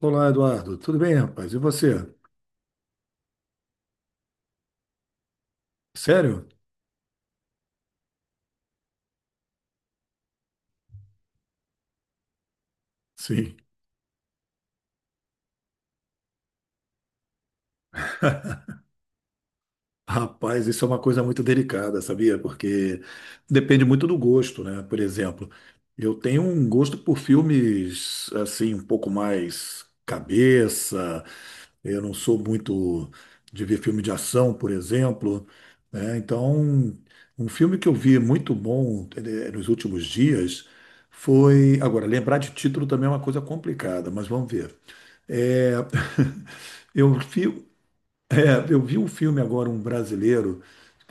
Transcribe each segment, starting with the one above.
Olá, Eduardo. Tudo bem, rapaz? E você? Sério? Sim. Rapaz, isso é uma coisa muito delicada, sabia? Porque depende muito do gosto, né? Por exemplo, eu tenho um gosto por filmes assim, um pouco mais cabeça. Eu não sou muito de ver filme de ação, por exemplo, né? Então, um filme que eu vi muito bom nos últimos dias foi. Agora, lembrar de título também é uma coisa complicada, mas vamos ver. É, eu vi, eu vi um filme agora, um brasileiro,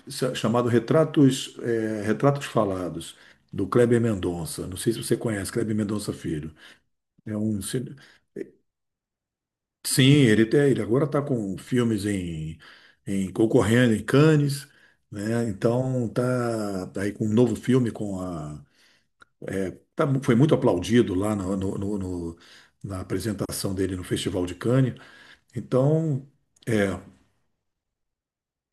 chamado Retratos, Retratos Falados, do Kleber Mendonça. Não sei se você conhece, Kleber Mendonça Filho. É um, cine- sim, ele, ele agora está com filmes em, concorrendo em Cannes, né? Então tá, tá aí com um novo filme com Foi muito aplaudido lá na apresentação dele no Festival de Cannes. Então. é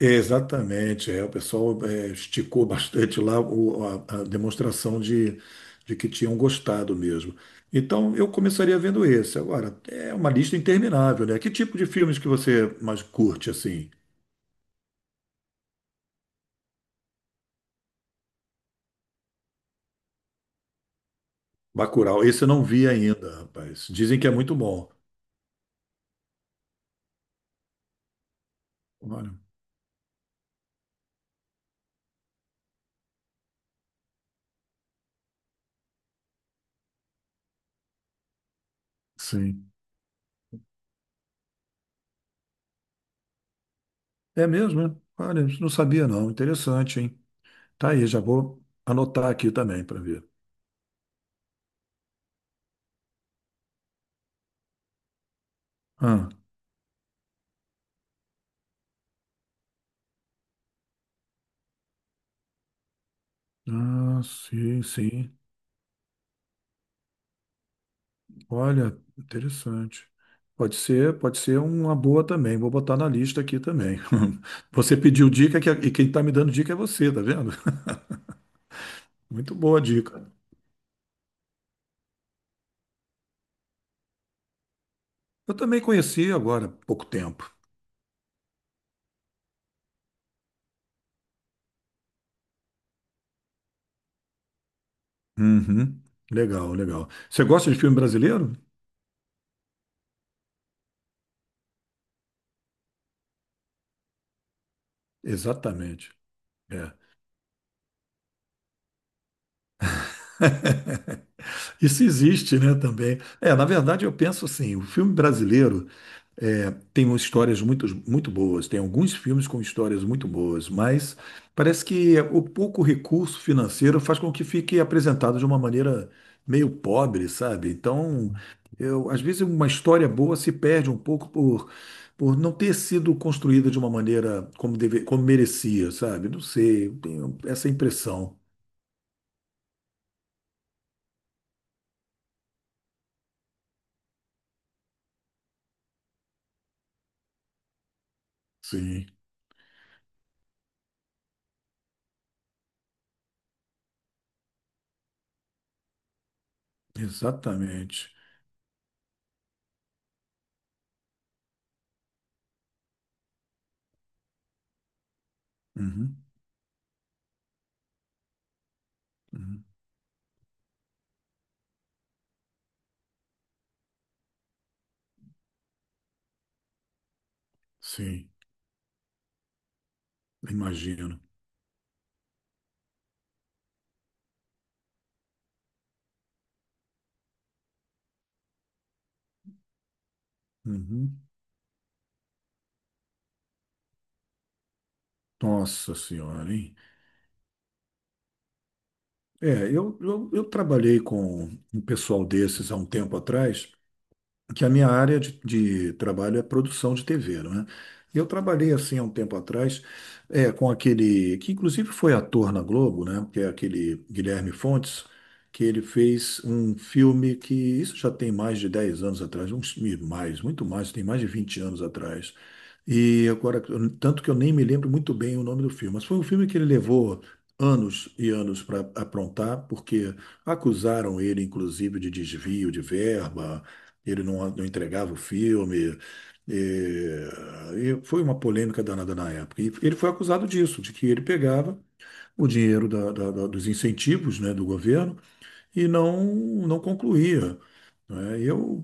Exatamente, o pessoal esticou bastante lá a demonstração de que tinham gostado mesmo. Então eu começaria vendo esse. Agora, é uma lista interminável, né? Que tipo de filmes que você mais curte, assim? Bacurau, esse eu não vi ainda, rapaz. Dizem que é muito bom. Olha, sim. É mesmo, né? Olha, isso não sabia não. Interessante, hein? Tá aí, já vou anotar aqui também para ver. Ah, ah, sim, sim. Olha, interessante. Pode ser uma boa também. Vou botar na lista aqui também. Você pediu e quem está me dando dica é você, tá vendo? Muito boa a dica. Eu também conheci agora há pouco tempo. Uhum. Legal, legal. Você gosta de filme brasileiro? Exatamente. É. Isso existe, né, também. É, na verdade, eu penso assim, o filme brasileiro. É, tem umas histórias muito, muito boas, tem alguns filmes com histórias muito boas, mas parece que o pouco recurso financeiro faz com que fique apresentado de uma maneira meio pobre, sabe? Então, eu, às vezes uma história boa se perde um pouco por não ter sido construída de uma maneira como, deve, como merecia, sabe? Não sei, eu tenho essa impressão. Sim, exatamente. Uhum, uhum, sim, imagino. Uhum. Nossa Senhora, hein? É, eu trabalhei com um pessoal desses há um tempo atrás, que a minha área de trabalho é produção de TV, não é? E eu trabalhei assim há um tempo atrás com aquele que inclusive foi ator na Globo, né? Que é aquele Guilherme Fontes, que ele fez um filme que isso já tem mais de 10 anos atrás, uns e mais, muito mais, tem mais de 20 anos atrás. E agora, tanto que eu nem me lembro muito bem o nome do filme, mas foi um filme que ele levou anos e anos para aprontar, porque acusaram ele, inclusive, de desvio de verba, ele não entregava o filme. E, e foi uma polêmica danada na época. E ele foi acusado disso, de que ele pegava o dinheiro dos incentivos, né, do governo e não, não concluía. Né?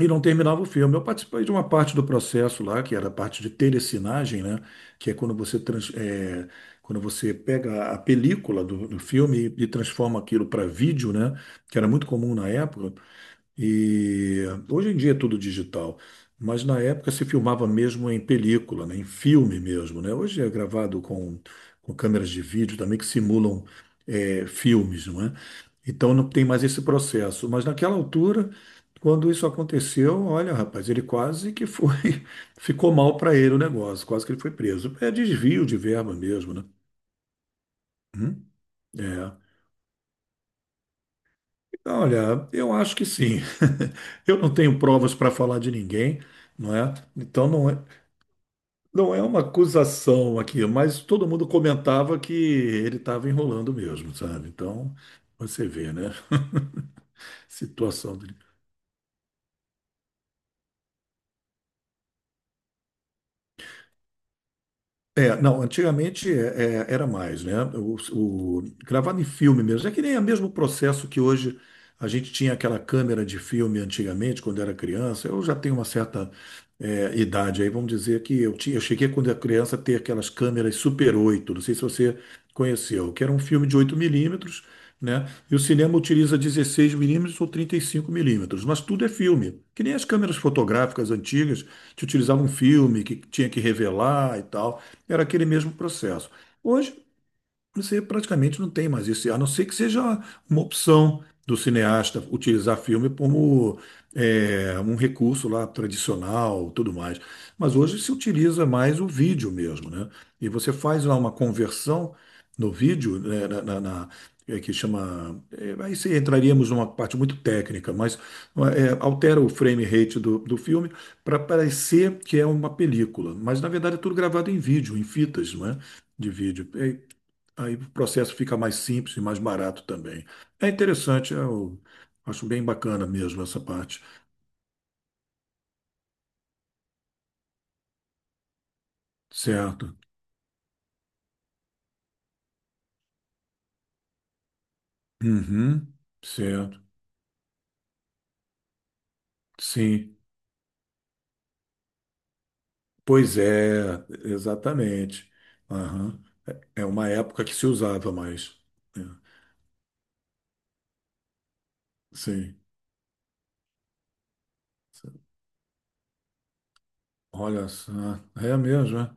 E não terminava o filme. Eu participei de uma parte do processo lá, que era a parte de telecinagem, né, que é quando você pega a película do filme e transforma aquilo para vídeo, né, que era muito comum na época. E hoje em dia é tudo digital, mas na época se filmava mesmo em película, né, em filme mesmo, né? Hoje é gravado com câmeras de vídeo também que simulam filmes, não é? Então não tem mais esse processo. Mas naquela altura, quando isso aconteceu, olha, rapaz, ele quase que foi, ficou mal para ele o negócio, quase que ele foi preso. É desvio de verba mesmo, né? Uhum. É. Olha, eu acho que sim. Eu não tenho provas para falar de ninguém, não é? Então não é uma acusação aqui, mas todo mundo comentava que ele estava enrolando mesmo, sabe? Então você vê, né? Situação É, não, antigamente é, era mais, né? Gravado em filme mesmo. É que nem é o mesmo processo que hoje a gente tinha aquela câmera de filme antigamente, quando era criança. Eu já tenho uma certa idade aí, vamos dizer que eu tinha, eu cheguei quando era criança a ter aquelas câmeras Super 8. Não sei se você conheceu, que era um filme de 8 milímetros, né? E o cinema utiliza 16 milímetros ou 35 milímetros, mas tudo é filme. Que nem as câmeras fotográficas antigas que utilizavam um filme, que tinha que revelar e tal era aquele mesmo processo. Hoje, você praticamente não tem mais isso, a não ser que seja uma opção do cineasta utilizar filme como um recurso lá tradicional, tudo mais. Mas hoje se utiliza mais o vídeo mesmo, né? E você faz lá uma conversão no vídeo, né, que chama. Aí você entraríamos numa parte muito técnica, mas altera o frame rate do filme para parecer que é uma película. Mas na verdade é tudo gravado em vídeo, em fitas, não é? De vídeo. É, aí o processo fica mais simples e mais barato também. É interessante, eu acho bem bacana mesmo essa parte. Certo. Uhum, certo. Sim. Pois é, exatamente. Aham. É uma época que se usava mais. É, sim. Olha só. É mesmo, é?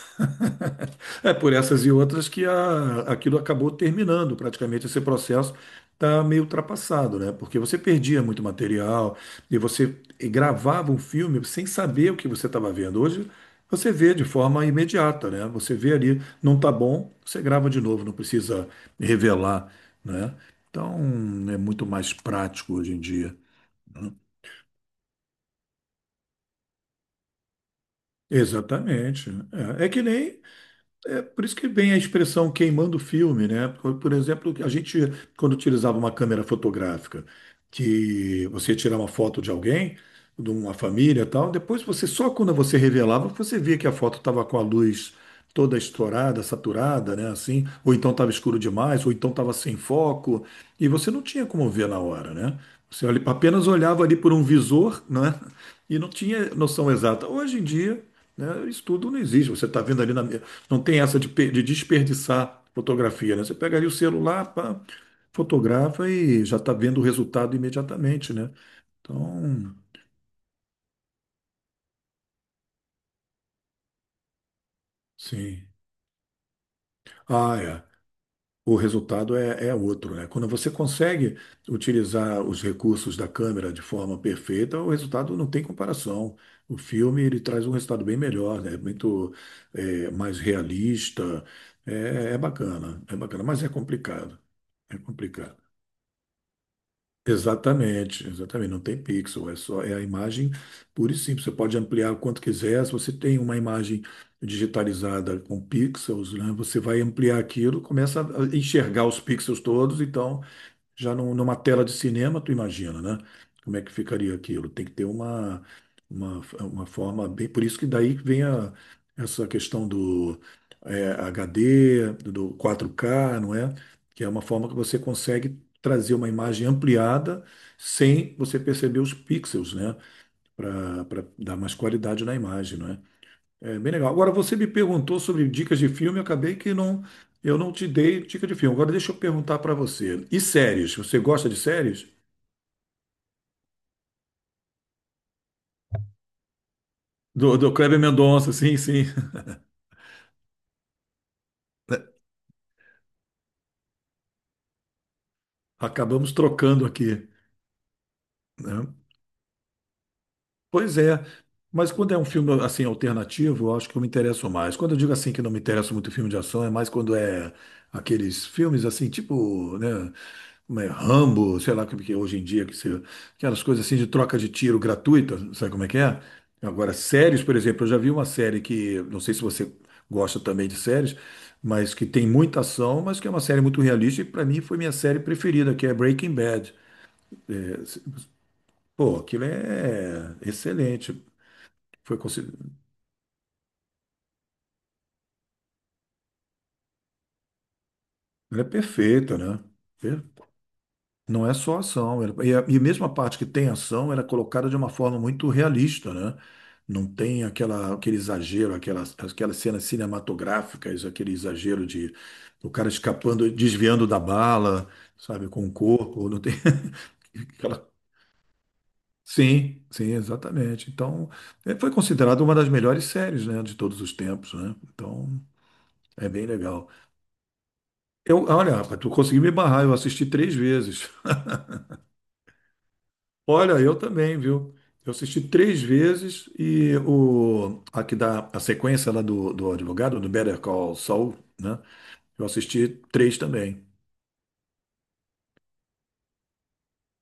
É por essas e outras que aquilo acabou terminando, praticamente esse processo está meio ultrapassado, né? Porque você perdia muito material e você gravava um filme sem saber o que você estava vendo. Hoje você vê de forma imediata, né? Você vê ali, não tá bom, você grava de novo, não precisa revelar, né? Então é muito mais prático hoje em dia. Exatamente. É, é que nem É por isso que vem a expressão queimando o filme, né? Por exemplo, a gente, quando utilizava uma câmera fotográfica, que você ia tirar uma foto de alguém, de uma família e tal, depois você, só quando você revelava, você via que a foto estava com a luz toda estourada, saturada, né? Assim, ou então estava escuro demais, ou então estava sem foco, e você não tinha como ver na hora, né? Você apenas olhava ali por um visor, né? E não tinha noção exata. Hoje em dia né? Estudo não existe. Você está vendo ali não tem essa de, de desperdiçar fotografia, né? Você pega ali o celular, pá, fotografa e já está vendo o resultado imediatamente, né? Então, sim. Ah, é. O resultado é outro, né? Quando você consegue utilizar os recursos da câmera de forma perfeita, o resultado não tem comparação. O filme ele traz um resultado bem melhor, né? Muito mais realista. É bacana, é bacana, mas é complicado. É complicado. Exatamente, exatamente. Não tem pixel, é só é a imagem pura e simples. Você pode ampliar o quanto quiser. Se você tem uma imagem digitalizada com pixels, né, você vai ampliar aquilo, começa a enxergar os pixels todos, então já numa tela de cinema, tu imagina, né? Como é que ficaria aquilo? Tem que ter uma forma bem. Por isso que daí vem essa questão do HD, do 4K, não é? Que é uma forma que você consegue trazer uma imagem ampliada sem você perceber os pixels, né? Para dar mais qualidade na imagem, é bem legal. Agora você me perguntou sobre dicas de filme, eu acabei que não, eu não te dei dica de filme. Agora deixa eu perguntar para você. E séries? Você gosta de séries? Do Kleber Mendonça, sim, sim. Acabamos trocando aqui, né? Pois é, mas quando é um filme assim alternativo, eu acho que eu me interesso mais. Quando eu digo assim que não me interessa muito filme de ação, é mais quando é aqueles filmes assim, tipo, né, como é, Rambo, sei lá como que é hoje em dia que se, aquelas coisas assim de troca de tiro gratuita, sabe como é que é? Agora, séries, por exemplo, eu já vi uma série que, não sei se você gosta também de séries, mas que tem muita ação, mas que é uma série muito realista e para mim foi minha série preferida, que é Breaking Bad. Pô, aquilo é excelente. Foi consi- Ela é perfeita, né? Per- Não é só ação. E mesmo a parte que tem ação, ela é colocada de uma forma muito realista, né? Não tem aquela, aquele exagero, aquelas, aquelas cenas cinematográficas, aquele exagero de o cara escapando, desviando da bala, sabe, com o corpo. Não tem aquela... Sim, sim, exatamente. Então, é, foi considerada uma das melhores séries, né, de todos os tempos, né? Então, é bem legal. Eu, olha, rapaz, tu conseguiu me barrar, eu assisti três vezes. Olha, eu também, viu? Eu assisti três vezes e o aqui da a sequência lá do advogado do Better Call Saul, né? Eu assisti três também.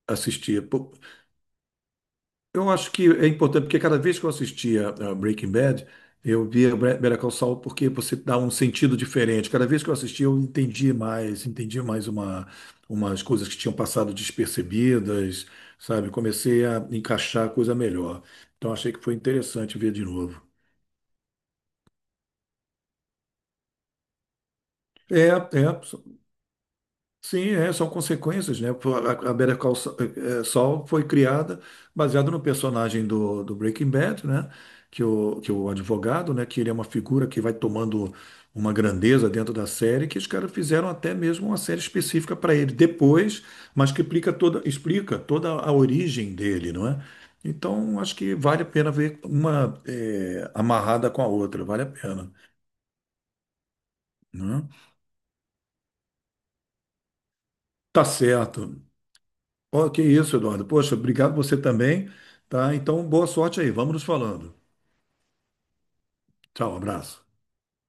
Assisti. Pô, eu acho que é importante porque cada vez que eu assistia a Breaking Bad, eu via Better Call Saul porque você dá um sentido diferente. Cada vez que eu assistia, eu entendi mais uma umas coisas que tinham passado despercebidas, sabe? Comecei a encaixar coisa melhor. Então achei que foi interessante ver de novo. É, é, so- sim, são consequências, né? Pô, a Better Call Saul foi criada baseada no personagem do, do Breaking Bad, né? Que o advogado, né? Que ele é uma figura que vai tomando uma grandeza dentro da série, que os caras fizeram até mesmo uma série específica para ele depois, mas que explica toda a origem dele, não é? Então, acho que vale a pena ver uma amarrada com a outra, vale a pena, né? Tá certo. Oh, que isso, Eduardo. Poxa, obrigado você também, tá? Então, boa sorte aí. Vamos nos falando. Tchau, abraço.